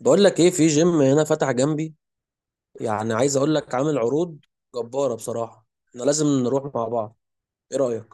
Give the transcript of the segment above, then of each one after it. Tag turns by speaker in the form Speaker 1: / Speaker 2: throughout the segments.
Speaker 1: بقول لك ايه؟ في جيم هنا فتح جنبي، يعني عايز اقول لك عامل عروض جبارة. بصراحة احنا لازم نروح مع بعض. ايه رأيك؟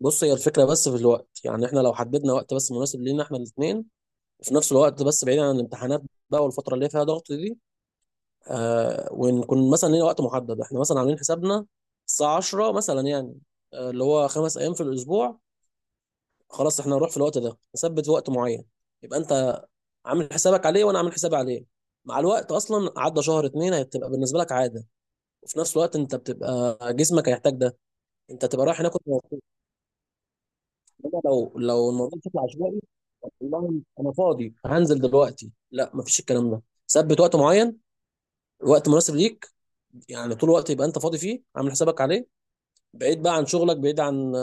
Speaker 1: بص، هي الفكرة، بس في الوقت، يعني احنا لو حددنا وقت بس مناسب لينا احنا الاثنين، وفي نفس الوقت بس بعيد عن الامتحانات بقى والفترة اللي فيها ضغط دي. ونكون مثلا لينا وقت محدد، احنا مثلا عاملين حسابنا الساعة 10 مثلا، يعني اللي هو خمس ايام في الاسبوع. خلاص، احنا هنروح في الوقت ده، نثبت وقت معين، يبقى انت عامل حسابك عليه وانا عامل حسابي عليه. مع الوقت اصلا عدى شهر اتنين هتبقى بالنسبه لك عاده، وفي نفس الوقت انت بتبقى جسمك هيحتاج ده. انت تبقى رايح هناك وأنت مبسوط. إنما لو الموضوع بشكل عشوائي. والله انا فاضي هنزل دلوقتي؟ لا، مفيش الكلام ده. ثبت وقت معين، وقت مناسب ليك، يعني طول الوقت يبقى انت فاضي فيه، عامل حسابك عليه، بعيد بقى عن شغلك، بعيد عن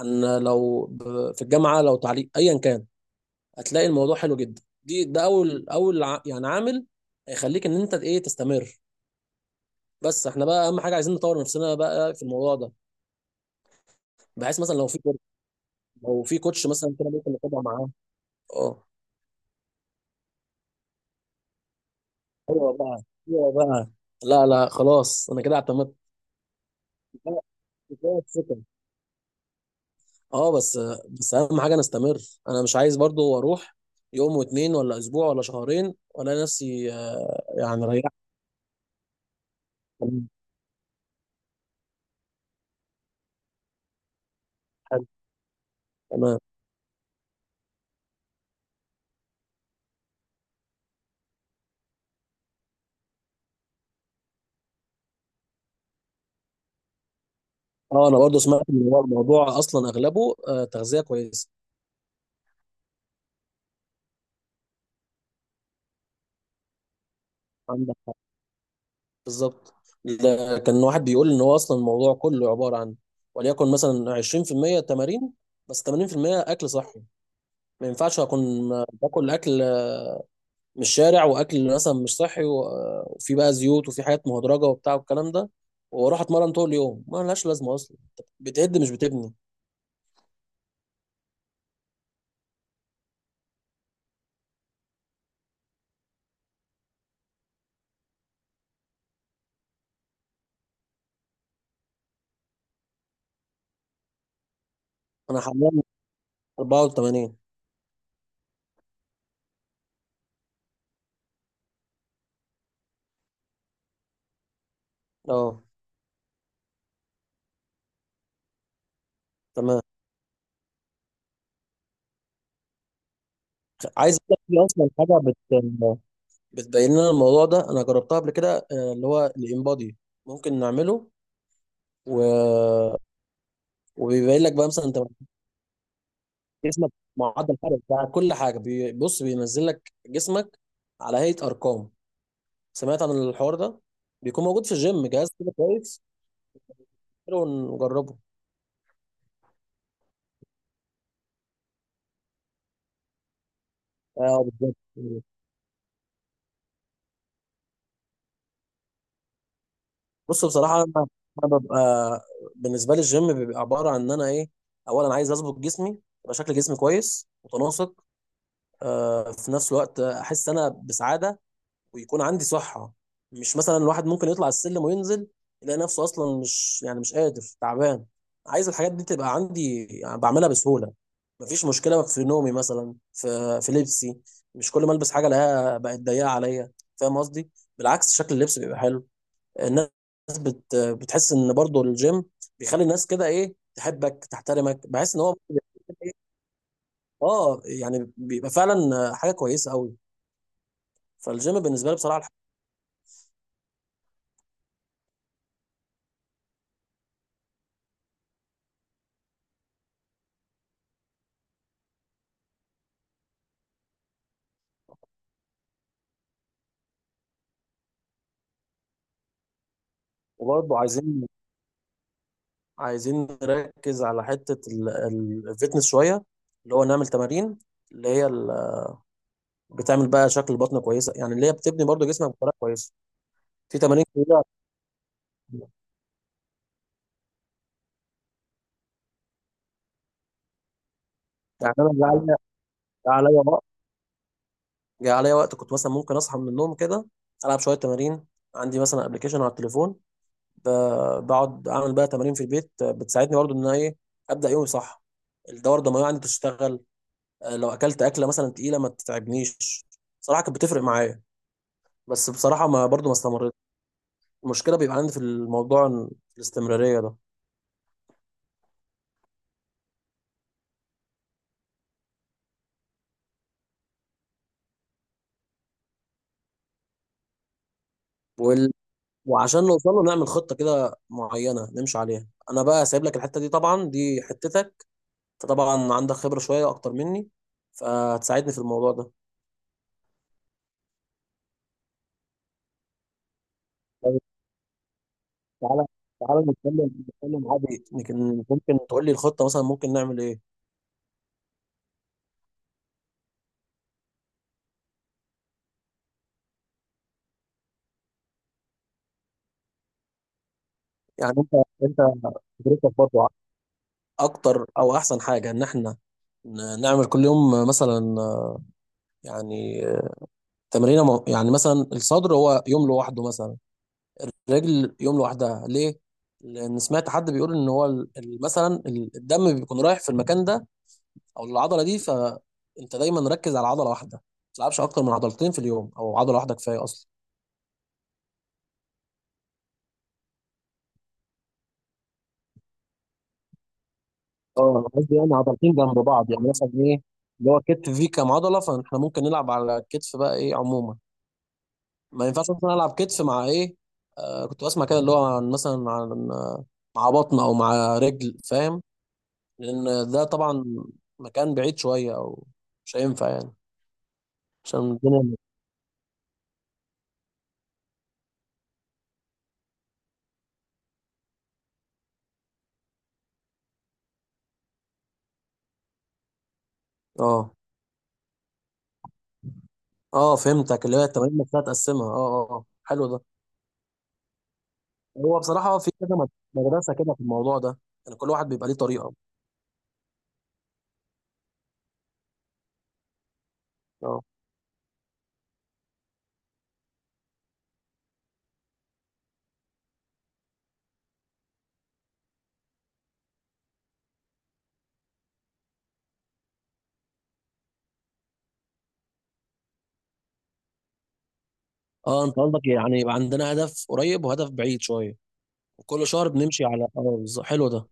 Speaker 1: عن في الجامعه، لو تعليق ايا كان، هتلاقي الموضوع حلو جدا. ده اول، يعني عامل هيخليك ان انت ايه تستمر. بس احنا بقى اهم حاجه عايزين نطور نفسنا بقى في الموضوع ده، بحيث مثلا لو في كوتش مثلا كده ممكن نتابع معاه. اه. ايوه بقى، ايوه بقى. لا لا، خلاص انا كده اعتمدت. كفاية- كفاية الثقة. اه، بس اهم حاجه نستمر. انا مش عايز برضو اروح يوم واتنين ولا اسبوع ولا شهرين ولا نفسي يعني ريحت. تمام. حلو. تمام. اه، انا برضو سمعت ان هو الموضوع اصلا اغلبه تغذيه كويسه. عندك حق، بالظبط. لا، كان واحد بيقول ان هو اصلا الموضوع كله عباره عن، وليكن مثلا 20% تمارين بس 80% اكل صحي. ما ينفعش اكون باكل اكل من الشارع، واكل مثلا مش صحي، وفي بقى زيوت وفي حاجات مهدرجه وبتاع والكلام ده، واروح اتمرن طول اليوم. ما لهاش لازمه اصلا، أنت بتهد مش بتبني. انا حاليا 84. اه، تمام. عايز اقول لك في اصلا حاجه بت بتبين لنا الموضوع ده، انا جربتها قبل كده، اللي هو الانبادي. ممكن نعمله و... وبيبين لك بقى مثلا انت، جسمك، معدل الحرق بتاع كل حاجه. بص، بينزل لك جسمك على هيئه ارقام. سمعت عن الحوار ده؟ بيكون موجود في الجيم جهاز كده كويس. حلو، نجربه. اه، بالظبط. بص، بصراحه، انا أنا ببقى بالنسبه لي الجيم بيبقى عباره عن ان انا ايه، اولا عايز اظبط جسمي، يبقى شكل جسمي كويس متناسق. في نفس الوقت احس انا بسعاده، ويكون عندي صحة. مش مثلا الواحد ممكن يطلع السلم وينزل يلاقي نفسه أصلا مش، يعني مش قادر، تعبان. عايز الحاجات دي تبقى عندي، يعني بعملها بسهولة. مفيش مشكلة في نومي مثلا، في لبسي، مش كل ما ألبس حاجة لها بقت ضيقة عليا. فاهم قصدي؟ بالعكس، شكل اللبس بيبقى حلو. الناس بتحس إن برضو الجيم بيخلي الناس كده، إيه، تحبك، تحترمك، بحس إن هو. اه، يعني بيبقى فعلا حاجة كويسة قوي. فالجيم بالنسبة لي بصراحة. وبرضه عايزين نركز على حتة الفتنس شوية، اللي هو نعمل تمارين اللي هي بتعمل بقى شكل بطن كويسة، يعني اللي هي بتبني برضو جسمك بطريقة كويسة. في تمارين كتيرة. يعني أنا جه عليا جه عليا وقت جه عليا وقت كنت مثلا ممكن أصحى من النوم كده، ألعب شوية تمارين، عندي مثلا أبلكيشن على التليفون، بقعد أعمل بقى تمارين في البيت، بتساعدني برضو إن أنا، إيه، أبدأ يومي صح، الدورة الدموية عندي تشتغل، لو أكلت أكلة مثلا تقيلة ما تتعبنيش. صراحة كانت بتفرق معايا، بس بصراحة ما برضو ما استمرتش. المشكله بيبقى عندي في الموضوع في الاستمراريه ده. وال... وعشان نوصل له نعمل خطه كده معينه نمشي عليها. انا بقى سايب لك الحته دي طبعا، دي حتتك، فطبعا عندك خبره شويه اكتر مني، فهتساعدني في الموضوع ده. طيب، تعالى، نتكلم نتكلم عادي. ممكن تقول لي الخطه مثلا، ممكن نعمل ايه؟ يعني انت تدرسك برضه اكتر، او احسن حاجه ان احنا نعمل كل يوم مثلا، يعني تمرينه، يعني مثلا الصدر هو يوم لوحده مثلا، رجل يوم لوحدها. ليه؟ لأن سمعت حد بيقول إن هو الدم بيكون رايح في المكان ده أو العضلة دي، فأنت دايما ركز على عضلة واحدة، ما تلعبش أكتر من عضلتين في اليوم، أو عضلة واحدة كفاية أصلا. اه، انا قصدي يعني عضلتين جنب بعض، يعني مثلا ايه، اللي هو الكتف فيه كام عضله، فاحنا ممكن نلعب على الكتف بقى ايه عموما. ما ينفعش مثلا العب كتف مع ايه، كنت بسمع كده، اللي هو عن مثلا، عن آه، مع بطن او مع رجل، فاهم؟ لان ده طبعا مكان بعيد شويه، او مش هينفع يعني، عشان الدنيا. اه اه، فهمتك، اللي هي التمارين نفسها تقسمها. اه اه اه، حلو ده. هو بصراحة في كذا مدرسة كده في الموضوع ده، يعني كل واحد بيبقى ليه طريقة. اه اه، انت قصدك يعني يبقى عندنا هدف قريب وهدف بعيد شوية، وكل شهر بنمشي على، اه، بالظبط. حلو ده.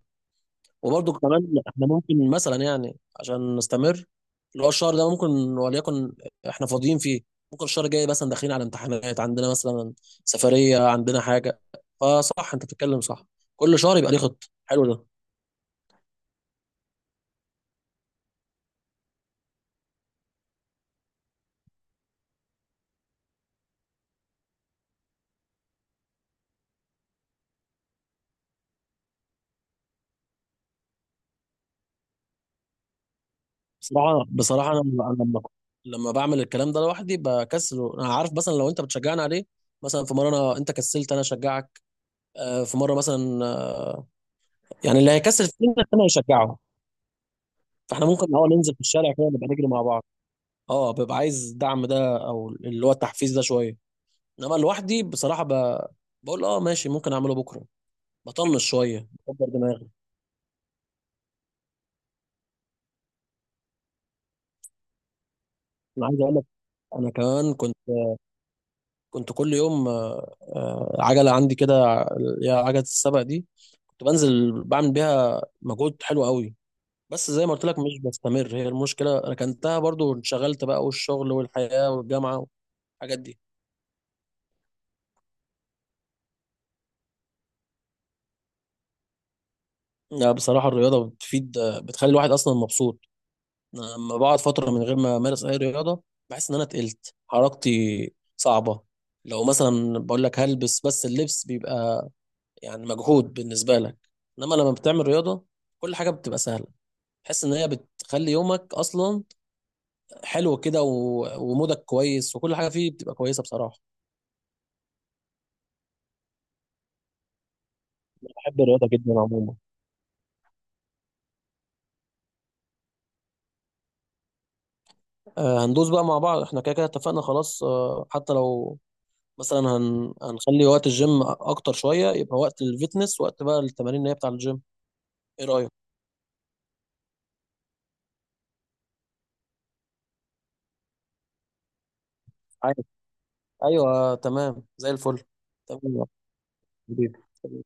Speaker 1: وبرضه كمان، احنا ممكن مثلا، يعني عشان نستمر، اللي هو الشهر ده ممكن، وليكن احنا فاضيين فيه، ممكن الشهر الجاي مثلا داخلين على امتحانات عندنا، مثلا سفرية، عندنا حاجة. فصح، انت بتتكلم صح، كل شهر يبقى ليه خطة. حلو ده. بصراحة أنا لما بعمل الكلام ده لوحدي بكسله. أنا عارف مثلا لو أنت بتشجعني عليه، مثلا في مرة أنت كسلت أنا أشجعك، في مرة مثلا، يعني اللي هيكسل فينا أنا هيشجعه. فإحنا ممكن الأول ننزل في الشارع كده نبقى نجري مع بعض. أه، ببقى عايز الدعم ده أو اللي هو التحفيز ده شوية. إنما لوحدي بصراحة بقول أه ماشي، ممكن أعمله بكرة، بطنش شوية، بكبر دماغي. أنا عايز أقول لك، أنا كمان كنت كل يوم، عجلة عندي كده، اللي هي عجلة السبق دي، كنت بنزل بعمل بيها مجهود حلو قوي. بس زي ما قلت لك مش بستمر، هي المشكله. ركنتها برضو وانشغلت بقى، والشغل والحياه والجامعه والحاجات دي. لا، بصراحه الرياضه بتفيد، بتخلي الواحد اصلا مبسوط. أنا لما بقعد فتره من غير ما امارس اي رياضه، بحس ان انا تقلت، حركتي صعبه، لو مثلا بقول لك هلبس، بس اللبس بيبقى يعني مجهود بالنسبه لك. انما لما بتعمل رياضه كل حاجه بتبقى سهله، تحس ان هي بتخلي يومك اصلا حلو كده، ومودك كويس، وكل حاجه فيه بتبقى كويسه بصراحه. بحب الرياضة جدا عموما. هندوس بقى مع بعض، احنا كده كده اتفقنا خلاص. حتى لو مثلا هنخلي وقت الجيم اكتر شويه، يبقى وقت الفيتنس وقت بقى التمارين اللي هي بتاع الجيم. ايه رايك؟ عارف؟ ايوه تمام، زي الفل. تمام يا حبيبي.